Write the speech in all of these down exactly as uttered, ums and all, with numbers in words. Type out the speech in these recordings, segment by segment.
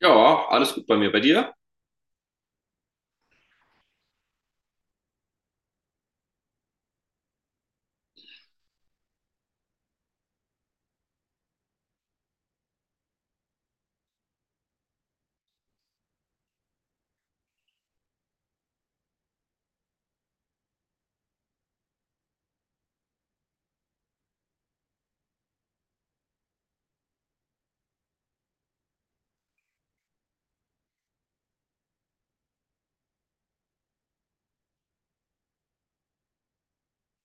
Ja, alles gut bei mir. Bei dir?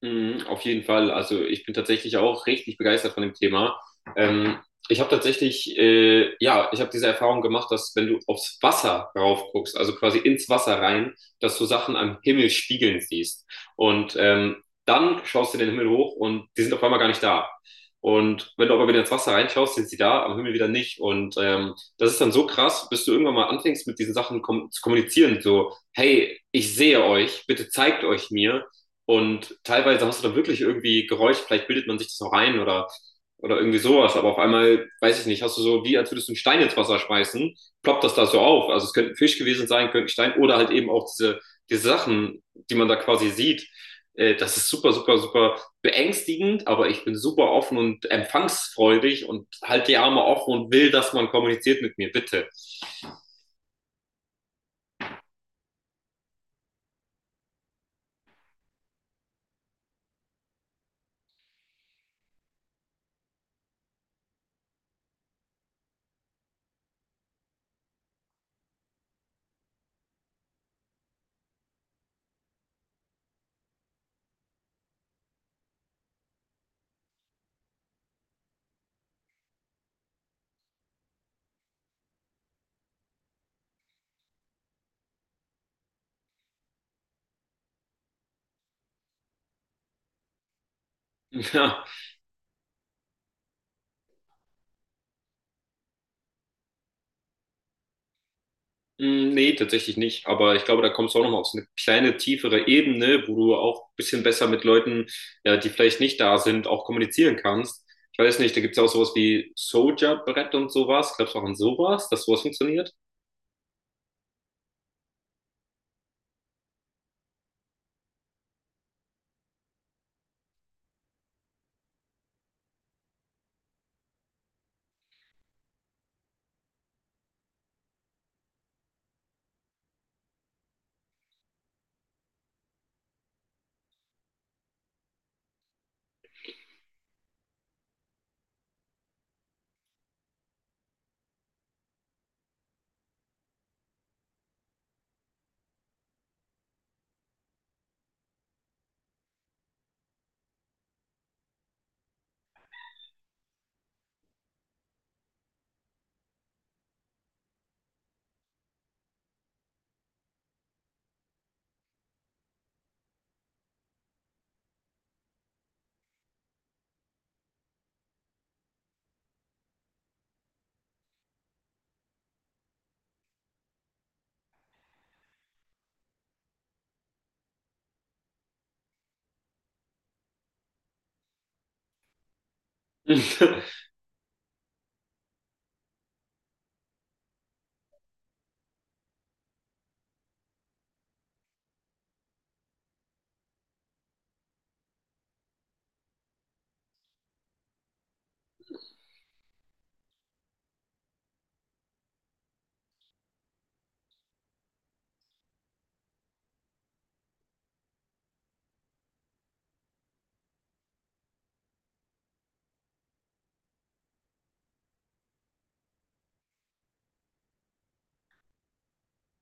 Mhm, auf jeden Fall. Also ich bin tatsächlich auch richtig begeistert von dem Thema. Ähm, ich habe tatsächlich, äh, ja, ich habe diese Erfahrung gemacht, dass wenn du aufs Wasser rauf guckst, also quasi ins Wasser rein, dass du Sachen am Himmel spiegeln siehst. Und ähm, dann schaust du den Himmel hoch und die sind auf einmal gar nicht da. Und wenn du aber wieder ins Wasser reinschaust, sind sie da, am Himmel wieder nicht. Und ähm, das ist dann so krass, bis du irgendwann mal anfängst, mit diesen Sachen kom zu kommunizieren. So, hey, ich sehe euch, bitte zeigt euch mir. Und teilweise hast du da wirklich irgendwie Geräusche, vielleicht bildet man sich das noch rein oder, oder irgendwie sowas, aber auf einmal, weiß ich nicht, hast du so, wie als würdest du einen Stein ins Wasser schmeißen, ploppt das da so auf. Also es könnte ein Fisch gewesen sein, könnte ein Stein oder halt eben auch diese, diese Sachen, die man da quasi sieht. Äh, Das ist super, super, super beängstigend, aber ich bin super offen und empfangsfreudig und halte die Arme offen und will, dass man kommuniziert mit mir, bitte. Ja. Mm, nee, tatsächlich nicht. Aber ich glaube, da kommst du auch nochmal auf so eine kleine tiefere Ebene, wo du auch ein bisschen besser mit Leuten, ja, die vielleicht nicht da sind, auch kommunizieren kannst. Ich weiß nicht, da gibt es ja auch sowas wie Soldier-Brett und sowas. Glaubst du auch an sowas, dass sowas funktioniert?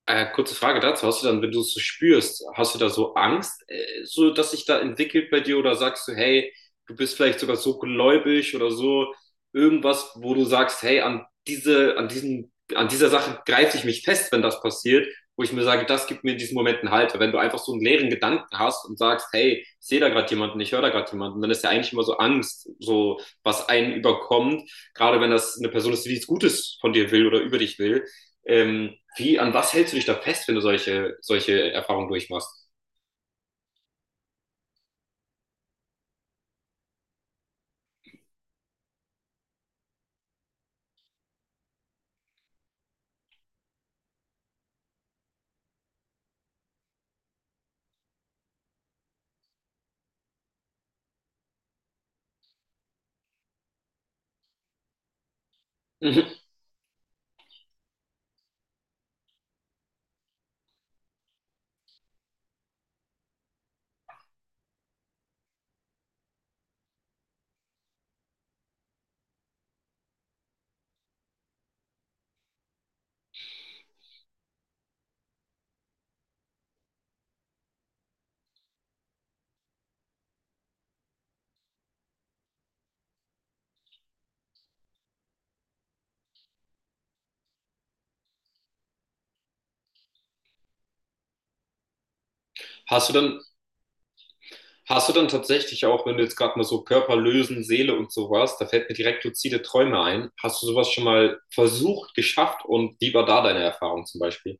Äh, kurze Frage dazu. Hast du dann, wenn du es so spürst, hast du da so Angst, äh, so dass sich da entwickelt bei dir oder sagst du, hey, du bist vielleicht sogar so gläubig oder so irgendwas, wo du sagst, hey, an diese, an diesen, an dieser Sache greife ich mich fest, wenn das passiert, wo ich mir sage, das gibt mir in diesen Momenten Halt. Weil wenn du einfach so einen leeren Gedanken hast und sagst, hey, ich sehe da gerade jemanden, ich höre da gerade jemanden, dann ist ja eigentlich immer so Angst, so was einen überkommt, gerade wenn das eine Person ist, die nichts Gutes von dir will oder über dich will. Ähm, wie, an was hältst du dich da fest, wenn du solche, solche Erfahrungen durchmachst? Mhm. Hast du dann, hast du dann tatsächlich auch, wenn du jetzt gerade mal so Körper lösen, Seele und sowas, da fällt mir direkt luzide Träume ein. Hast du sowas schon mal versucht, geschafft und wie war da deine Erfahrung zum Beispiel?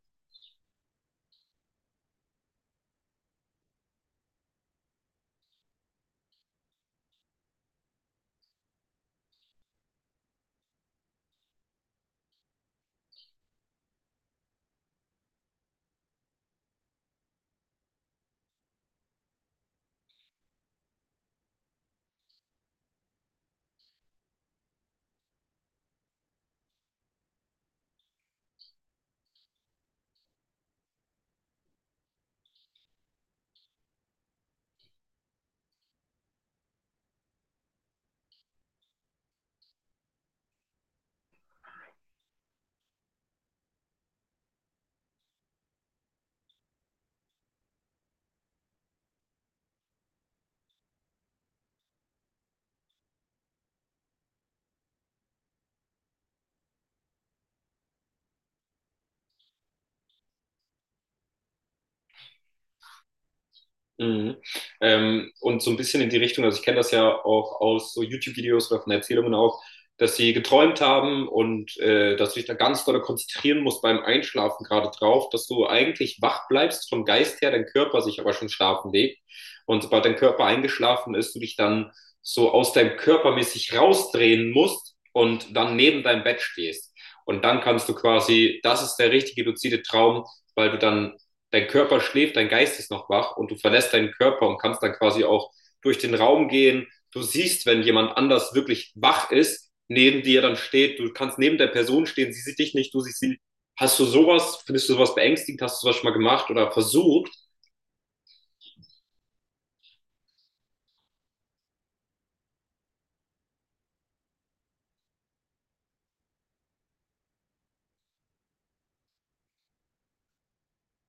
Mhm. Ähm, und so ein bisschen in die Richtung, also ich kenne das ja auch aus so YouTube-Videos oder von Erzählungen auch, dass sie geträumt haben und äh, dass du dich da ganz doll konzentrieren musst beim Einschlafen gerade drauf, dass du eigentlich wach bleibst vom Geist her, dein Körper sich aber schon schlafen legt. Und sobald dein Körper eingeschlafen ist, du dich dann so aus deinem Körper mäßig rausdrehen musst und dann neben deinem Bett stehst. Und dann kannst du quasi, das ist der richtige luzide Traum, weil du dann dein Körper schläft, dein Geist ist noch wach und du verlässt deinen Körper und kannst dann quasi auch durch den Raum gehen. Du siehst, wenn jemand anders wirklich wach ist, neben dir dann steht, du kannst neben der Person stehen, sie sieht dich nicht, du siehst sie. Hast du sowas, findest du sowas beängstigend, hast du sowas schon mal gemacht oder versucht?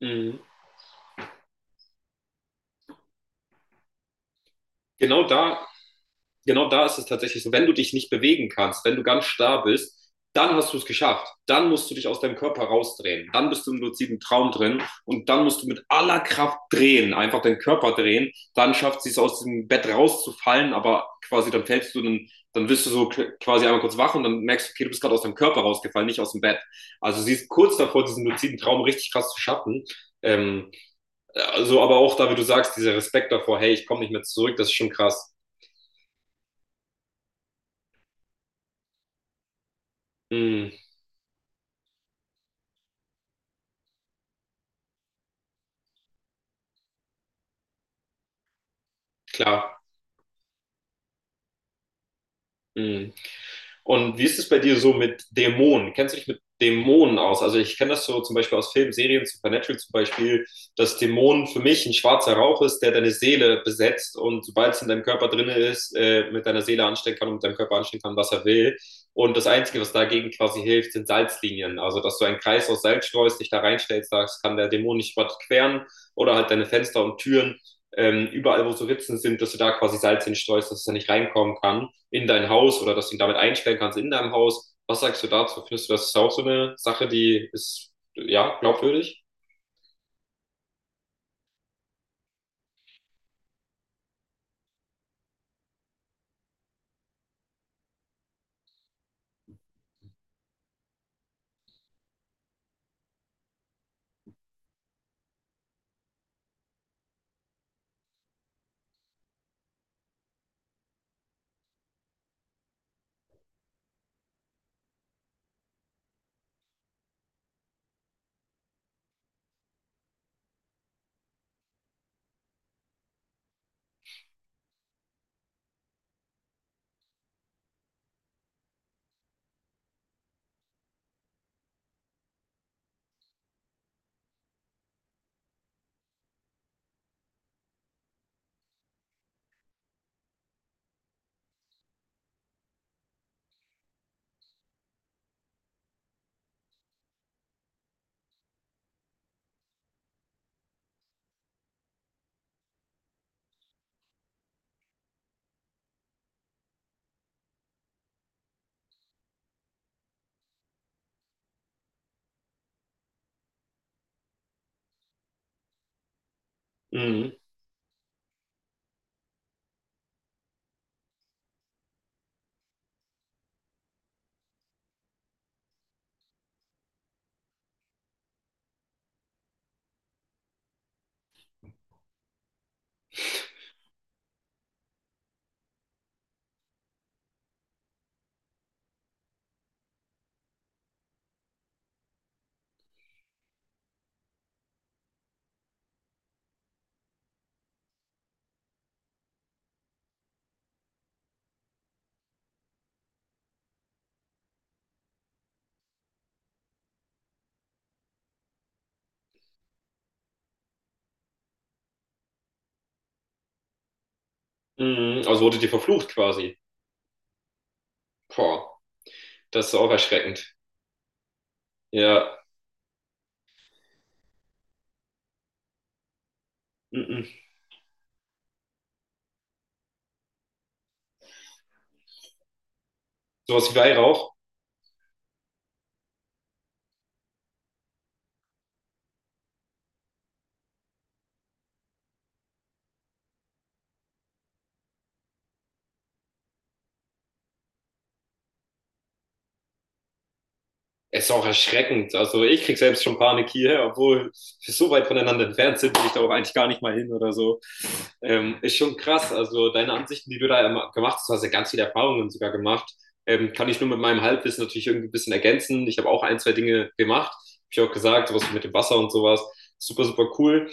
Mhm. Genau da genau da ist es tatsächlich so, wenn du dich nicht bewegen kannst, wenn du ganz starr bist, dann hast du es geschafft. Dann musst du dich aus deinem Körper rausdrehen. Dann bist du im luziden Traum drin und dann musst du mit aller Kraft drehen, einfach den Körper drehen. Dann schafft sie es aus dem Bett rauszufallen, aber quasi dann fällst du, dann, dann wirst du so quasi einmal kurz wach und dann merkst du, okay, du bist gerade aus deinem Körper rausgefallen, nicht aus dem Bett. Also sie ist kurz davor, diesen luziden Traum richtig krass zu schaffen. Ähm, also aber auch da, wie du sagst, dieser Respekt davor, hey, ich komme nicht mehr zurück, das ist schon krass. Mhm, klar. Mhm. Und wie ist es bei dir so mit Dämonen? Kennst du dich mit Dämonen aus? Also ich kenne das so zum Beispiel aus Filmen, Serien, Supernatural zum Beispiel, dass Dämonen für mich ein schwarzer Rauch ist, der deine Seele besetzt und sobald es in deinem Körper drin ist, äh, mit deiner Seele anstellen kann und mit deinem Körper anstellen kann, was er will. Und das Einzige, was dagegen quasi hilft, sind Salzlinien. Also dass du einen Kreis aus Salz streust, dich da reinstellst, sagst, kann der Dämon nicht überqueren oder halt deine Fenster und Türen ähm, überall, wo so Ritzen sind, dass du da quasi Salz hinstreust, dass er nicht reinkommen kann in dein Haus oder dass du ihn damit einstellen kannst in deinem Haus. Was sagst du dazu? Findest du, das ist auch so eine Sache, die ist, ja, glaubwürdig? Mhm. Mhm. Also wurde dir verflucht quasi. Boah, das ist auch erschreckend. Ja. Mhm. Sowas wie Weihrauch. Es ist auch erschreckend. Also ich krieg selbst schon Panik hier, obwohl wir so weit voneinander entfernt sind, will ich da auch eigentlich gar nicht mal hin oder so. Ähm, ist schon krass. Also deine Ansichten, die du da immer gemacht hast, du hast ja ganz viele Erfahrungen sogar gemacht. Ähm, kann ich nur mit meinem Halbwissen natürlich irgendwie ein bisschen ergänzen. Ich habe auch ein, zwei Dinge gemacht. Hab ich auch gesagt, sowas mit dem Wasser und sowas. Super, super cool.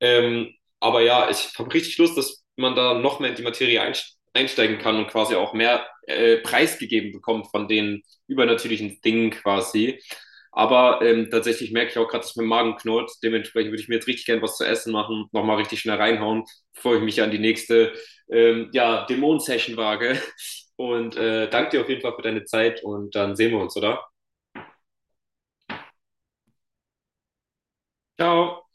Ähm, aber ja, ich habe richtig Lust, dass man da noch mehr in die Materie einsteigt einsteigen kann und quasi auch mehr äh, preisgegeben bekommt von den übernatürlichen Dingen quasi. Aber ähm, tatsächlich merke ich auch gerade, dass mein Magen knurrt. Dementsprechend würde ich mir jetzt richtig gern was zu essen machen, nochmal richtig schnell reinhauen, bevor ich mich an die nächste ähm, ja, dämonen session wage. Und äh, danke dir auf jeden Fall für deine Zeit und dann sehen wir uns, oder? Ciao!